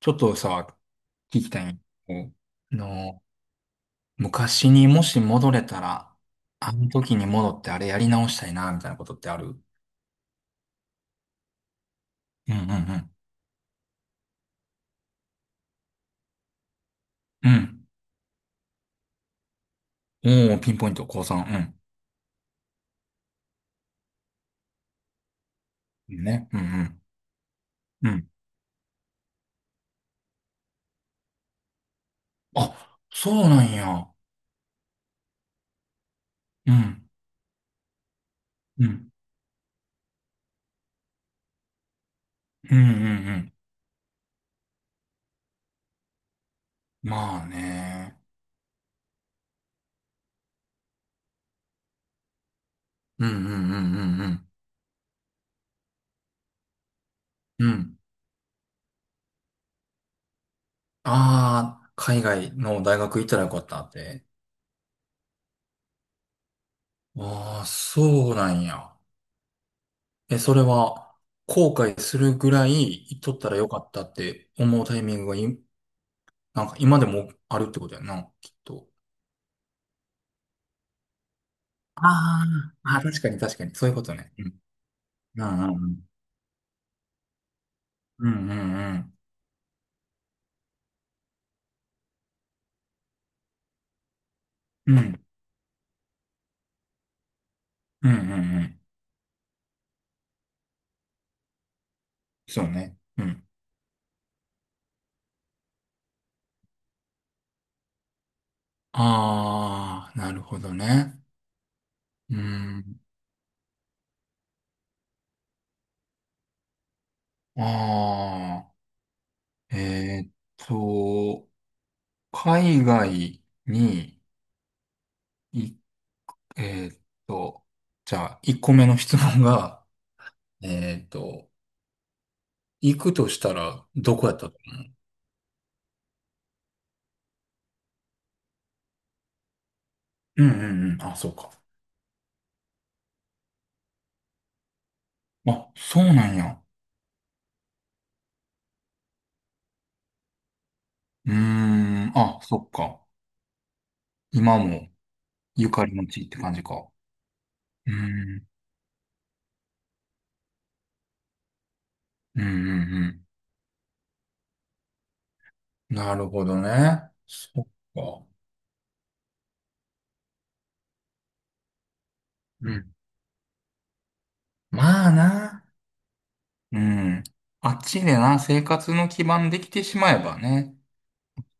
ちょっとさ、聞きたいんやけどの、昔にもし戻れたら、あの時に戻ってあれやり直したいな、みたいなことってある。うんうんうん。うん。おー、ピンポイント、高三。うん。いいね。うん。うん。うん。あ、そうなんや。うん。うん。うんうんうん。まあね。うんうんうんうんうん。うん。ああ、海外の大学行ったらよかったって。ああ、そうなんや。え、それは、後悔するぐらい、言っとったらよかったって思うタイミングがい、なんか今でもあるってことやな、きっと。あーあー、確かに確かに、そういうことね。うん。うんうんうん。うんうんうん。うんうんうんうん。そうね。うん。ああ、なるほどね。うん。ああ、と、海外に、い、えーっと、じゃあ、1個目の質問が、えーっと、行くとしたら、どこやったかな。うんうんうん。あ、そうか。あ、そうなんや。うーん。あ、そっか。今もゆかりの地って感じか。うーん。うんうんうん。なるほどね。そっか。うん。まあな。うん。あっちでな、生活の基盤できてしまえばね。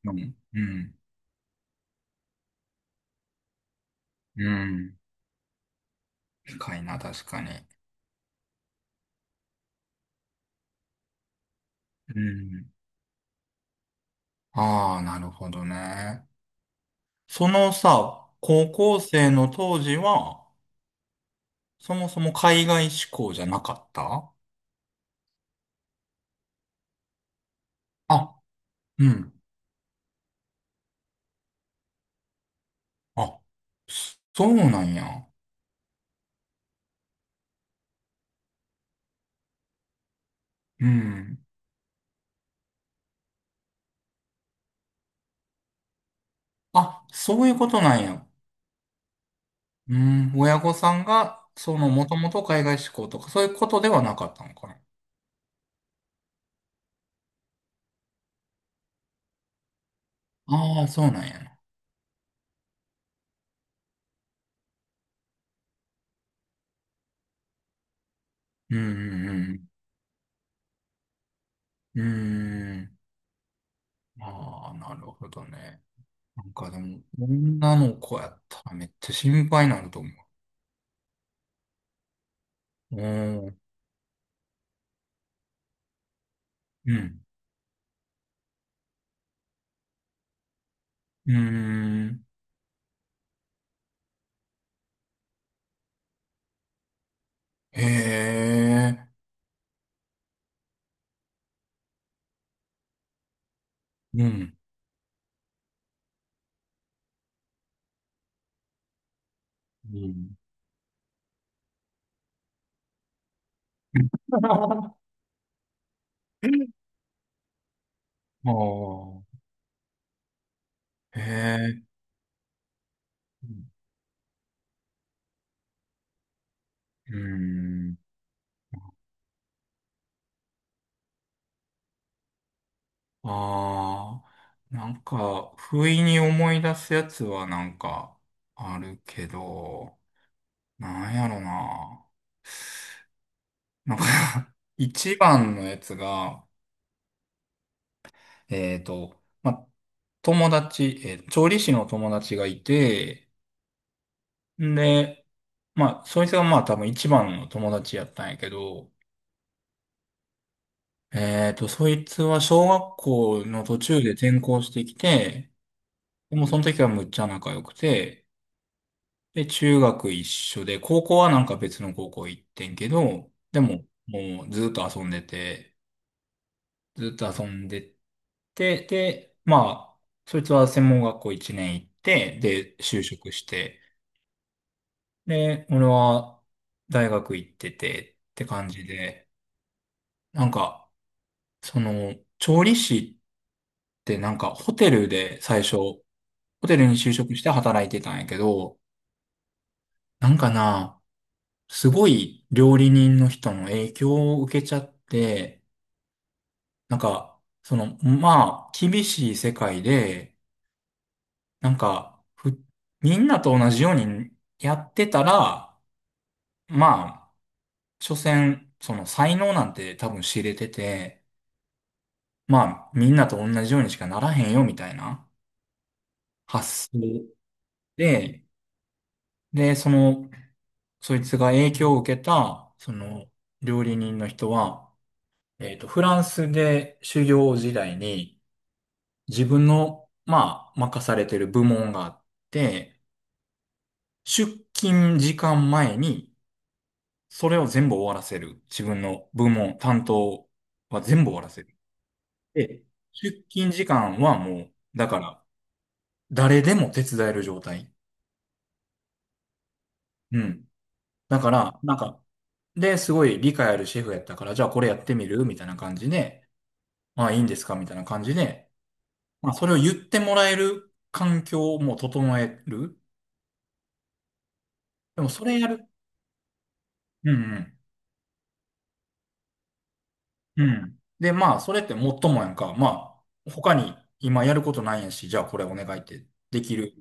うん。うん。うん。深いな、確かに。うん。ああ、なるほどね。そのさ、高校生の当時は、そもそも海外志向じゃなかった。あ、うん。あ、そうなんや。うん。あ、そういうことなんや。うん。親御さんが、その、もともと海外志向とか、そういうことではなかったのかな。ああ、そうなんやな。うんうんうん。うーん。ああ、なるほどね。なんかでも、女の子やったらめっちゃ心配になると思う。おー、うん。うーん。へえ。うん。うん。ああ、へえ、うん。ああ、なんか、不意に思い出すやつはなんか、あるけど、なんやろな。なんか、一番のやつが、ま、友達、調理師の友達がいて、んで、まあ、そいつがまあ多分一番の友達やったんやけど、そいつは小学校の途中で転校してきて、もうその時はむっちゃ仲良くて、で、中学一緒で、高校はなんか別の高校行ってんけど、でも、もうずっと遊んでて、ずっと遊んでで、まあ、そいつは専門学校一年行って、で、就職して、で、俺は大学行っててって感じで、なんか、その、調理師ってなんかホテルで最初、ホテルに就職して働いてたんやけど、なんかな、すごい料理人の人の影響を受けちゃって、なんか、その、まあ、厳しい世界で、なんか、ふ、みんなと同じようにやってたら、まあ、所詮、その才能なんて多分知れてて、まあ、みんなと同じようにしかならへんよ、みたいな発想で、で、その、そいつが影響を受けた、その、料理人の人は、フランスで修行時代に、自分の、まあ、任されてる部門があって、出勤時間前に、それを全部終わらせる。自分の部門、担当は全部終わらせる。で、出勤時間はもう、だから、誰でも手伝える状態。うん。だから、なんか、で、すごい理解あるシェフやったから、じゃあこれやってみるみたいな感じで、まあいいんですかみたいな感じで、まあそれを言ってもらえる環境も整える。でもそれやる。うんうん。うん。で、まあ、それってもっともやんか。まあ、他に今やることないんやし、じゃあこれお願いってできる。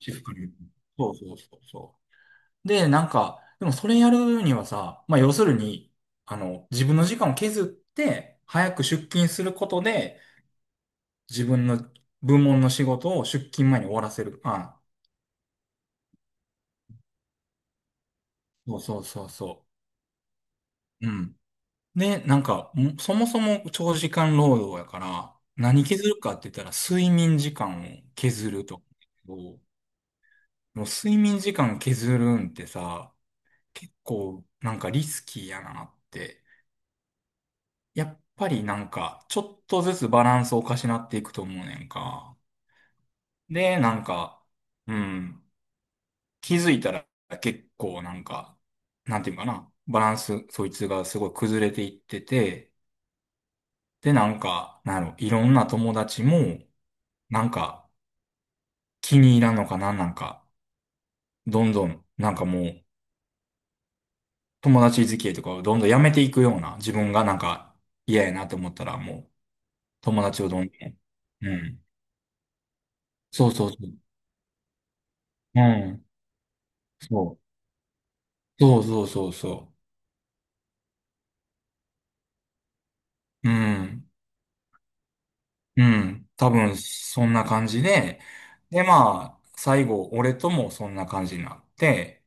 シフトに、そうそうそうそう。で、なんか、でもそれやるにはさ、まあ、要するに、あの、自分の時間を削って、早く出勤することで、自分の部門の仕事を出勤前に終わらせる。あ、そうそうそうそう。うん。で、なんか、ん、そもそも長時間労働やから、何削るかって言ったら、睡眠時間を削ると。でも睡眠時間削るんってさ、結構なんかリスキーやなって。やっぱりなんか、ちょっとずつバランスをおかしなっていくと思うねんか。で、なんか、うん、気づいたら結構なんか、なんていうかな、バランス、そいつがすごい崩れていってて、で、なんか、なんやろ、いろんな友達も、なんか、気に入らんのかな、なんか、どんどん、なんかもう、友達付き合いとかをどんどんやめていくような、自分がなんか、嫌やなと思ったら、もう、友達をどんどん、うん。そうそうそう。うん。そう。そうそうそうそう。うん。うん。多分、そんな感じで、で、まあ、最後、俺ともそんな感じになって、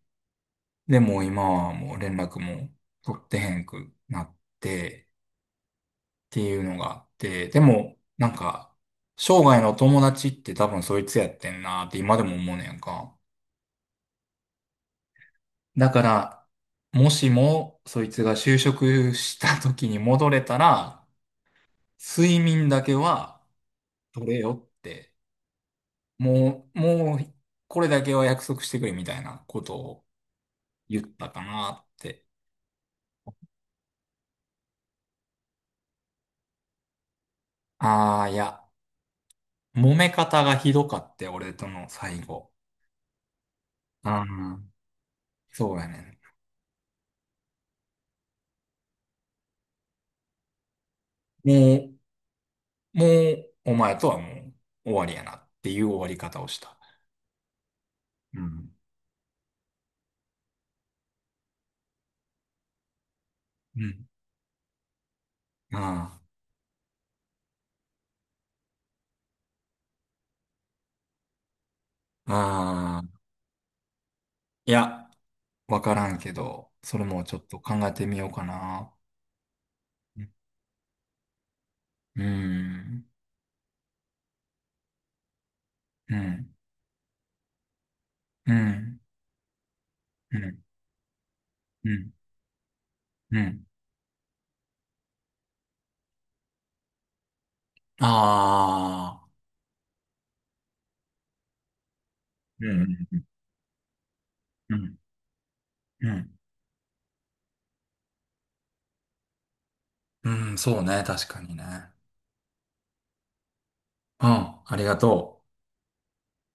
で、もう今はもう連絡も取ってへんくなって、ていうのがあって、でも、なんか、生涯の友達って多分そいつやってんなって今でも思うねやんか。だから、もしもそいつが就職した時に戻れたら、睡眠だけは取れよって、もう、もう、これだけは約束してくれみたいなことを言ったかなって。ああ、いや、揉め方がひどかって、俺との最後。ああ、そうやねん。もう、お前とはもう終わりやなっていう終わり方をした。うん。うん。ああ、ああ、いや、わからんけど、それもちょっと考えてみようかな。うん、うん、うん、うん、うん、うん。ああ、うん、うん、うん、うん、うんそうね、確かにね。うん、ありがとう。